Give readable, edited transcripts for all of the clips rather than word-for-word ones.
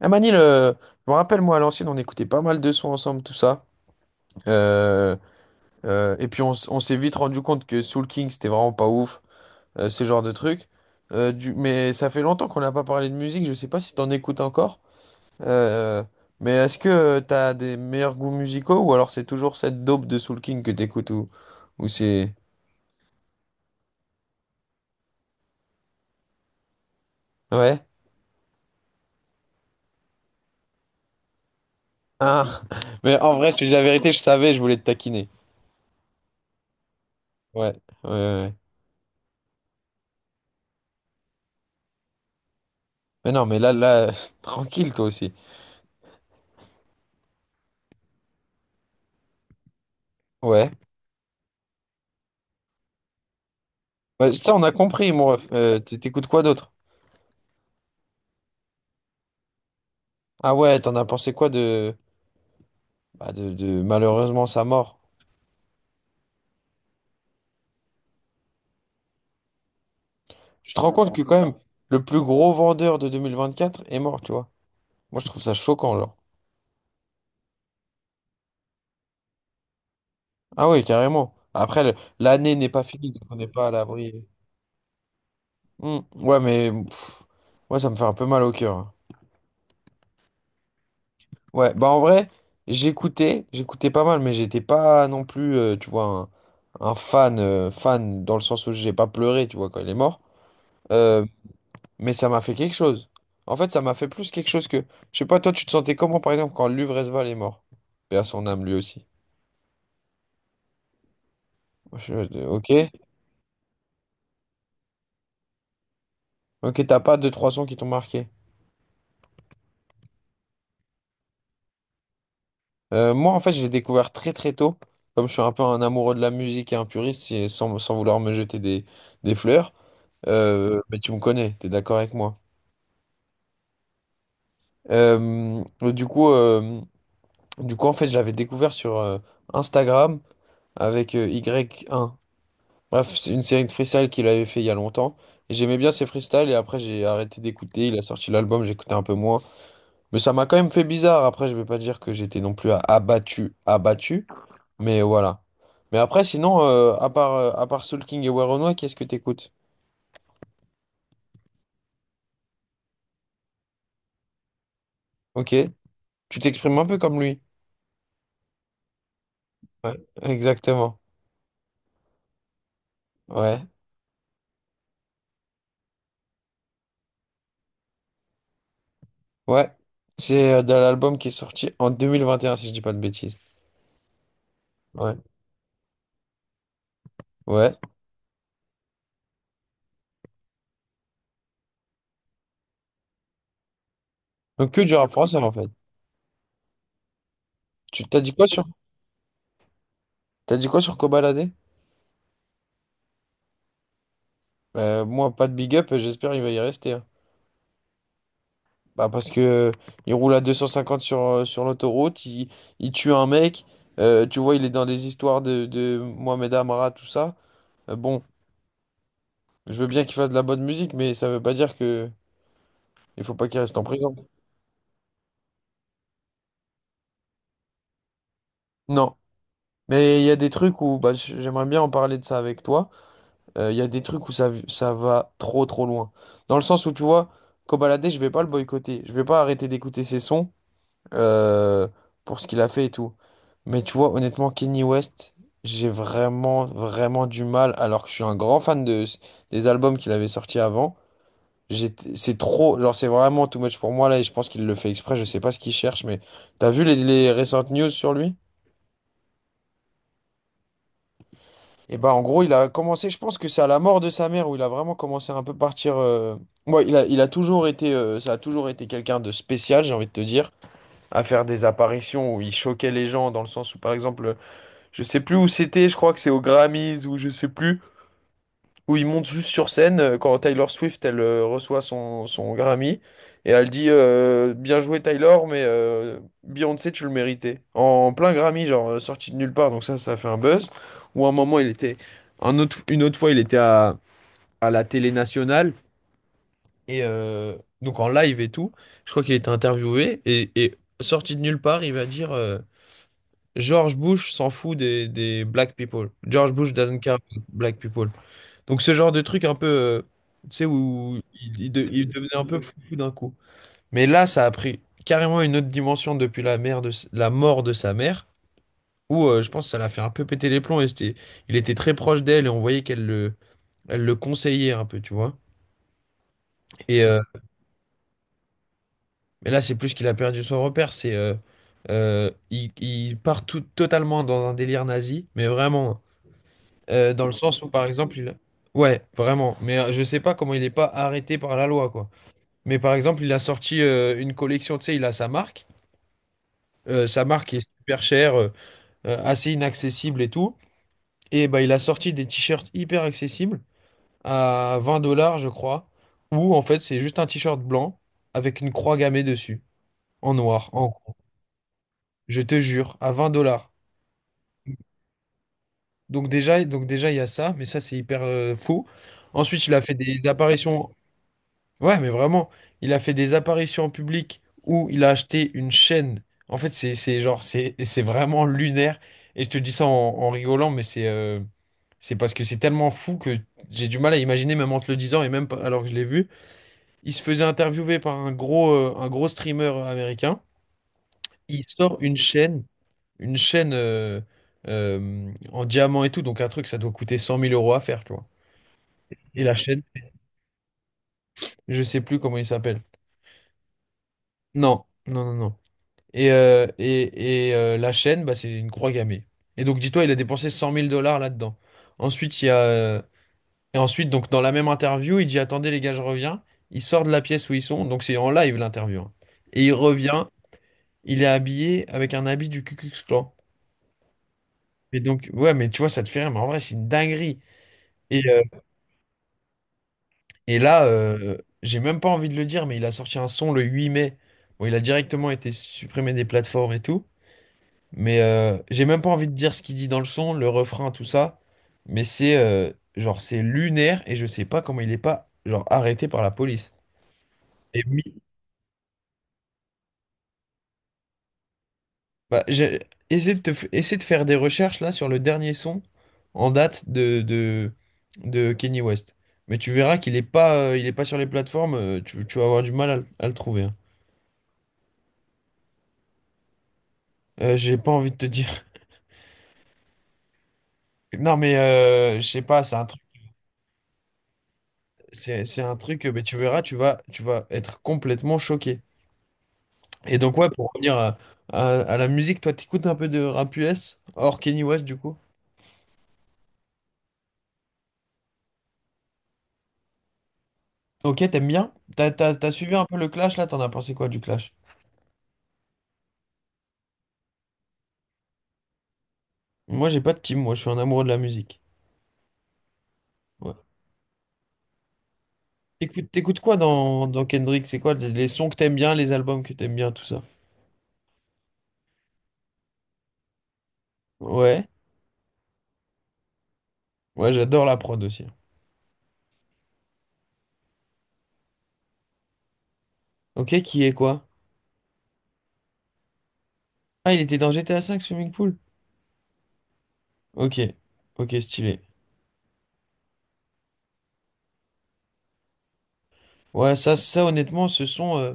Ah Manil, je me rappelle, moi, à l'ancienne, on écoutait pas mal de sons ensemble, tout ça. Euh, et puis, on s'est vite rendu compte que Soul King, c'était vraiment pas ouf, ce genre de truc. Mais ça fait longtemps qu'on n'a pas parlé de musique, je sais pas si t'en écoutes encore. Euh, mais est-ce que t'as des meilleurs goûts musicaux ou alors c'est toujours cette dope de Soul King que t'écoutes ou, ou c'est. Ouais? Ah. Mais en vrai, je te dis la vérité, je savais, je voulais te taquiner. Ouais, ouais, ouais, ouais. Mais non, mais là, là, tranquille, toi aussi. Ouais. Ouais, ça, on a compris, moi. T'écoutes quoi d'autre? Ah ouais, t'en as pensé quoi de... Bah, de malheureusement sa mort? Tu te rends compte que quand même, le plus gros vendeur de 2024 est mort, tu vois? Moi, je trouve ça choquant, genre. Ah oui, carrément. Après, l'année n'est pas finie, donc on n'est pas à l'abri. Hmm. Ouais, mais pff, ouais, ça me fait un peu mal au cœur, hein. Ouais, bah en vrai, j'écoutais pas mal, mais j'étais pas non plus, tu vois, un fan dans le sens où j'ai pas pleuré, tu vois, quand il est mort. Euh, Mais ça m'a fait quelque chose. En fait, ça m'a fait plus quelque chose que. Je sais pas, toi, tu te sentais comment, par exemple, quand Luvresval est mort? Paix à son âme, lui aussi. Ok, ok, t'as pas deux, trois sons qui t'ont marqué. Moi, en fait, je l'ai découvert très, très tôt. Comme je suis un peu un amoureux de la musique et un puriste, sans, vouloir me jeter des, fleurs. Mais tu me connais, t'es d'accord avec moi. Euh, du coup, euh, du coup, en fait, je l'avais découvert sur Instagram avec Y1. Bref, c'est une série de freestyle qu'il avait fait il y a longtemps. Et j'aimais bien ses freestyles et après j'ai arrêté d'écouter. Il a sorti l'album, j'écoutais un peu moins. Mais ça m'a quand même fait bizarre. Après, je vais pas dire que j'étais non plus abattu, abattu. Mais voilà. Mais après, sinon, à part, à part Soul King et Werenoi, qu'est-ce que t'écoutes? Ok, tu t'exprimes un peu comme lui. Ouais. Exactement. Ouais. Ouais. C'est de l'album qui est sorti en 2021 si je dis pas de bêtises. Ouais. Ouais. Donc que du rap français en fait. Tu t'as dit quoi sur t'as dit quoi sur Kobalade? Moi, pas de big up, j'espère il va y rester, hein. Bah, parce que il roule à 250 sur, sur l'autoroute, il tue un mec, tu vois, il est dans des histoires de, Mohamed Amara, tout ça. Bon, je veux bien qu'il fasse de la bonne musique, mais ça veut pas dire que il faut pas qu'il reste en prison. Non. Mais il y a des trucs où bah, j'aimerais bien en parler de ça avec toi. Il y a des trucs où ça va trop trop loin. Dans le sens où tu vois, Kobalade, je vais pas le boycotter. Je vais pas arrêter d'écouter ses sons, euh, pour ce qu'il a fait et tout. Mais tu vois, honnêtement, Kenny West, j'ai vraiment, vraiment du mal, alors que je suis un grand fan des albums qu'il avait sortis avant. C'est trop, genre, c'est vraiment too much pour moi là, et je pense qu'il le fait exprès, je sais pas ce qu'il cherche, mais t'as vu les, récentes news sur lui? Et bah, en gros, il a commencé, je pense que c'est à la mort de sa mère où il a vraiment commencé à un peu partir. Ouais, il a toujours été, ça a toujours été quelqu'un de spécial, j'ai envie de te dire, à faire des apparitions où il choquait les gens, dans le sens où, par exemple, je sais plus où c'était, je crois que c'est aux Grammys ou je sais plus, où ils montent juste sur scène quand Tyler Swift elle reçoit son, Grammy et elle dit bien joué Tyler mais Beyoncé tu le méritais. En plein Grammy genre sorti de nulle part donc ça a fait un buzz. Ou à un moment il était, une autre fois il était à, la télé nationale et donc en live et tout. Je crois qu'il était interviewé et sorti de nulle part il va dire George Bush s'en fout des, black people. George Bush doesn't care about black people. Donc ce genre de truc un peu, tu sais, où il devenait un peu foufou d'un coup. Mais là, ça a pris carrément une autre dimension depuis la mort de sa mère, où je pense que ça l'a fait un peu péter les plombs. Et il était très proche d'elle et on voyait qu'elle le conseillait un peu, tu vois. Et, euh, mais là, c'est plus qu'il a perdu son repère. Il part tout, totalement dans un délire nazi, mais vraiment. Dans le sens où, par exemple, il... Ouais, vraiment. Mais je sais pas comment il n'est pas arrêté par la loi, quoi. Mais par exemple, il a sorti une collection, tu sais, il a sa marque. Sa marque est super chère, assez inaccessible et tout. Et bah, il a sorti des t-shirts hyper accessibles à 20 dollars, je crois. Où, en fait, c'est juste un t-shirt blanc avec une croix gammée dessus, en noir, en... Je te jure, à 20 dollars. Donc déjà, il y a ça, mais ça, c'est hyper fou. Ensuite, il a fait des apparitions. Ouais, mais vraiment, il a fait des apparitions en public où il a acheté une chaîne. En fait, c'est genre, c'est vraiment lunaire. Et je te dis ça en rigolant, mais c'est parce que c'est tellement fou que j'ai du mal à imaginer, même en te le disant et même pas- alors que je l'ai vu. Il se faisait interviewer par un gros streamer américain. Il sort une chaîne en diamant et tout. Donc, un truc, ça doit coûter 100 000 euros à faire, tu vois. Et la chaîne, je sais plus comment il s'appelle. Non, non, non, non. Et la chaîne, bah, c'est une croix gammée. Et donc, dis-toi, il a dépensé 100 000 dollars là-dedans. Ensuite, il y a. Et ensuite, donc, dans la même interview, il dit : « Attendez, les gars, je reviens. » Il sort de la pièce où ils sont. Donc, c'est en live l'interview, hein. Et il revient. Il est habillé avec un habit du Ku Klux Klan. Et donc, ouais, mais tu vois, ça te fait rire. Mais en vrai, c'est une dinguerie. Et, euh, et là, j'ai même pas envie de le dire, mais il a sorti un son le 8 mai. Bon, il a directement été supprimé des plateformes et tout. Mais j'ai même pas envie de dire ce qu'il dit dans le son, le refrain, tout ça. Mais c'est genre c'est lunaire et je sais pas comment il est pas genre arrêté par la police. Et mi- Bah, j'ai essayé de te f- essaie de faire des recherches là sur le dernier son en date de Kanye West. Mais tu verras qu'il est pas sur les plateformes. Tu, vas avoir du mal à le trouver, hein. J'ai pas envie de te dire. Non mais je sais pas, c'est un truc, c'est un truc. Mais tu verras, tu vas être complètement choqué. Et donc, ouais, pour revenir à, à la musique, toi, t'écoutes un peu de rap US, hors Kenny West, du coup. Ok, t'aimes bien? T'as suivi un peu le Clash, là? T'en as pensé quoi du Clash? Moi, j'ai pas de team, moi, je suis un amoureux de la musique. Ouais. T'écoutes quoi dans Kendrick? C'est quoi les, sons que t'aimes bien, les albums que t'aimes bien, tout ça? Ouais, ouais, j'adore la prod aussi. Ok, qui est quoi? Ah, il était dans GTA V, Swimming Pool? Ok, ok, stylé. Ouais, ça honnêtement, ce son.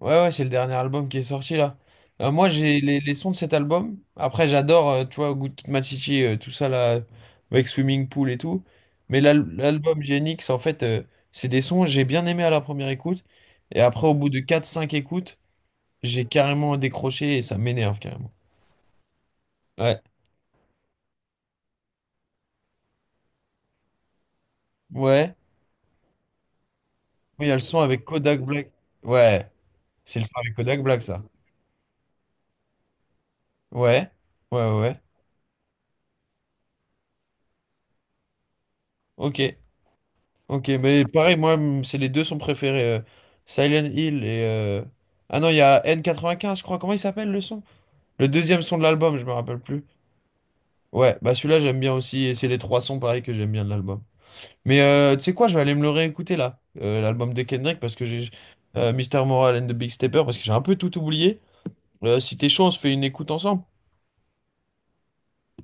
Ouais, ouais, c'est le dernier album qui est sorti là. Moi, j'ai les, sons de cet album. Après, j'adore, tu vois, Good Kid Mad City, tout ça là, avec Swimming Pool et tout. Mais l'album Genix, en fait, c'est des sons que j'ai bien aimé à la première écoute. Et après, au bout de quatre cinq écoutes, j'ai carrément décroché et ça m'énerve carrément. Ouais, ouais. Il y a le son avec Kodak Black. Ouais, c'est le son avec Kodak Black, ça. Ouais, ouais, ouais, ouais. Ok. Ok, mais pareil, moi, c'est les deux sont préférés. Silent Hill et. Ah non, il y a N95, je crois. Comment il s'appelle le son? Le deuxième son de l'album, je me rappelle plus. Ouais, bah celui-là, j'aime bien aussi. Et c'est les trois sons, pareil, que j'aime bien de l'album. Mais tu sais quoi, je vais aller me le réécouter, là, l'album de Kendrick, parce que j'ai... Mister Moral and the Big Stepper, parce que j'ai un peu tout oublié. Si t'es chaud, on se fait une écoute ensemble.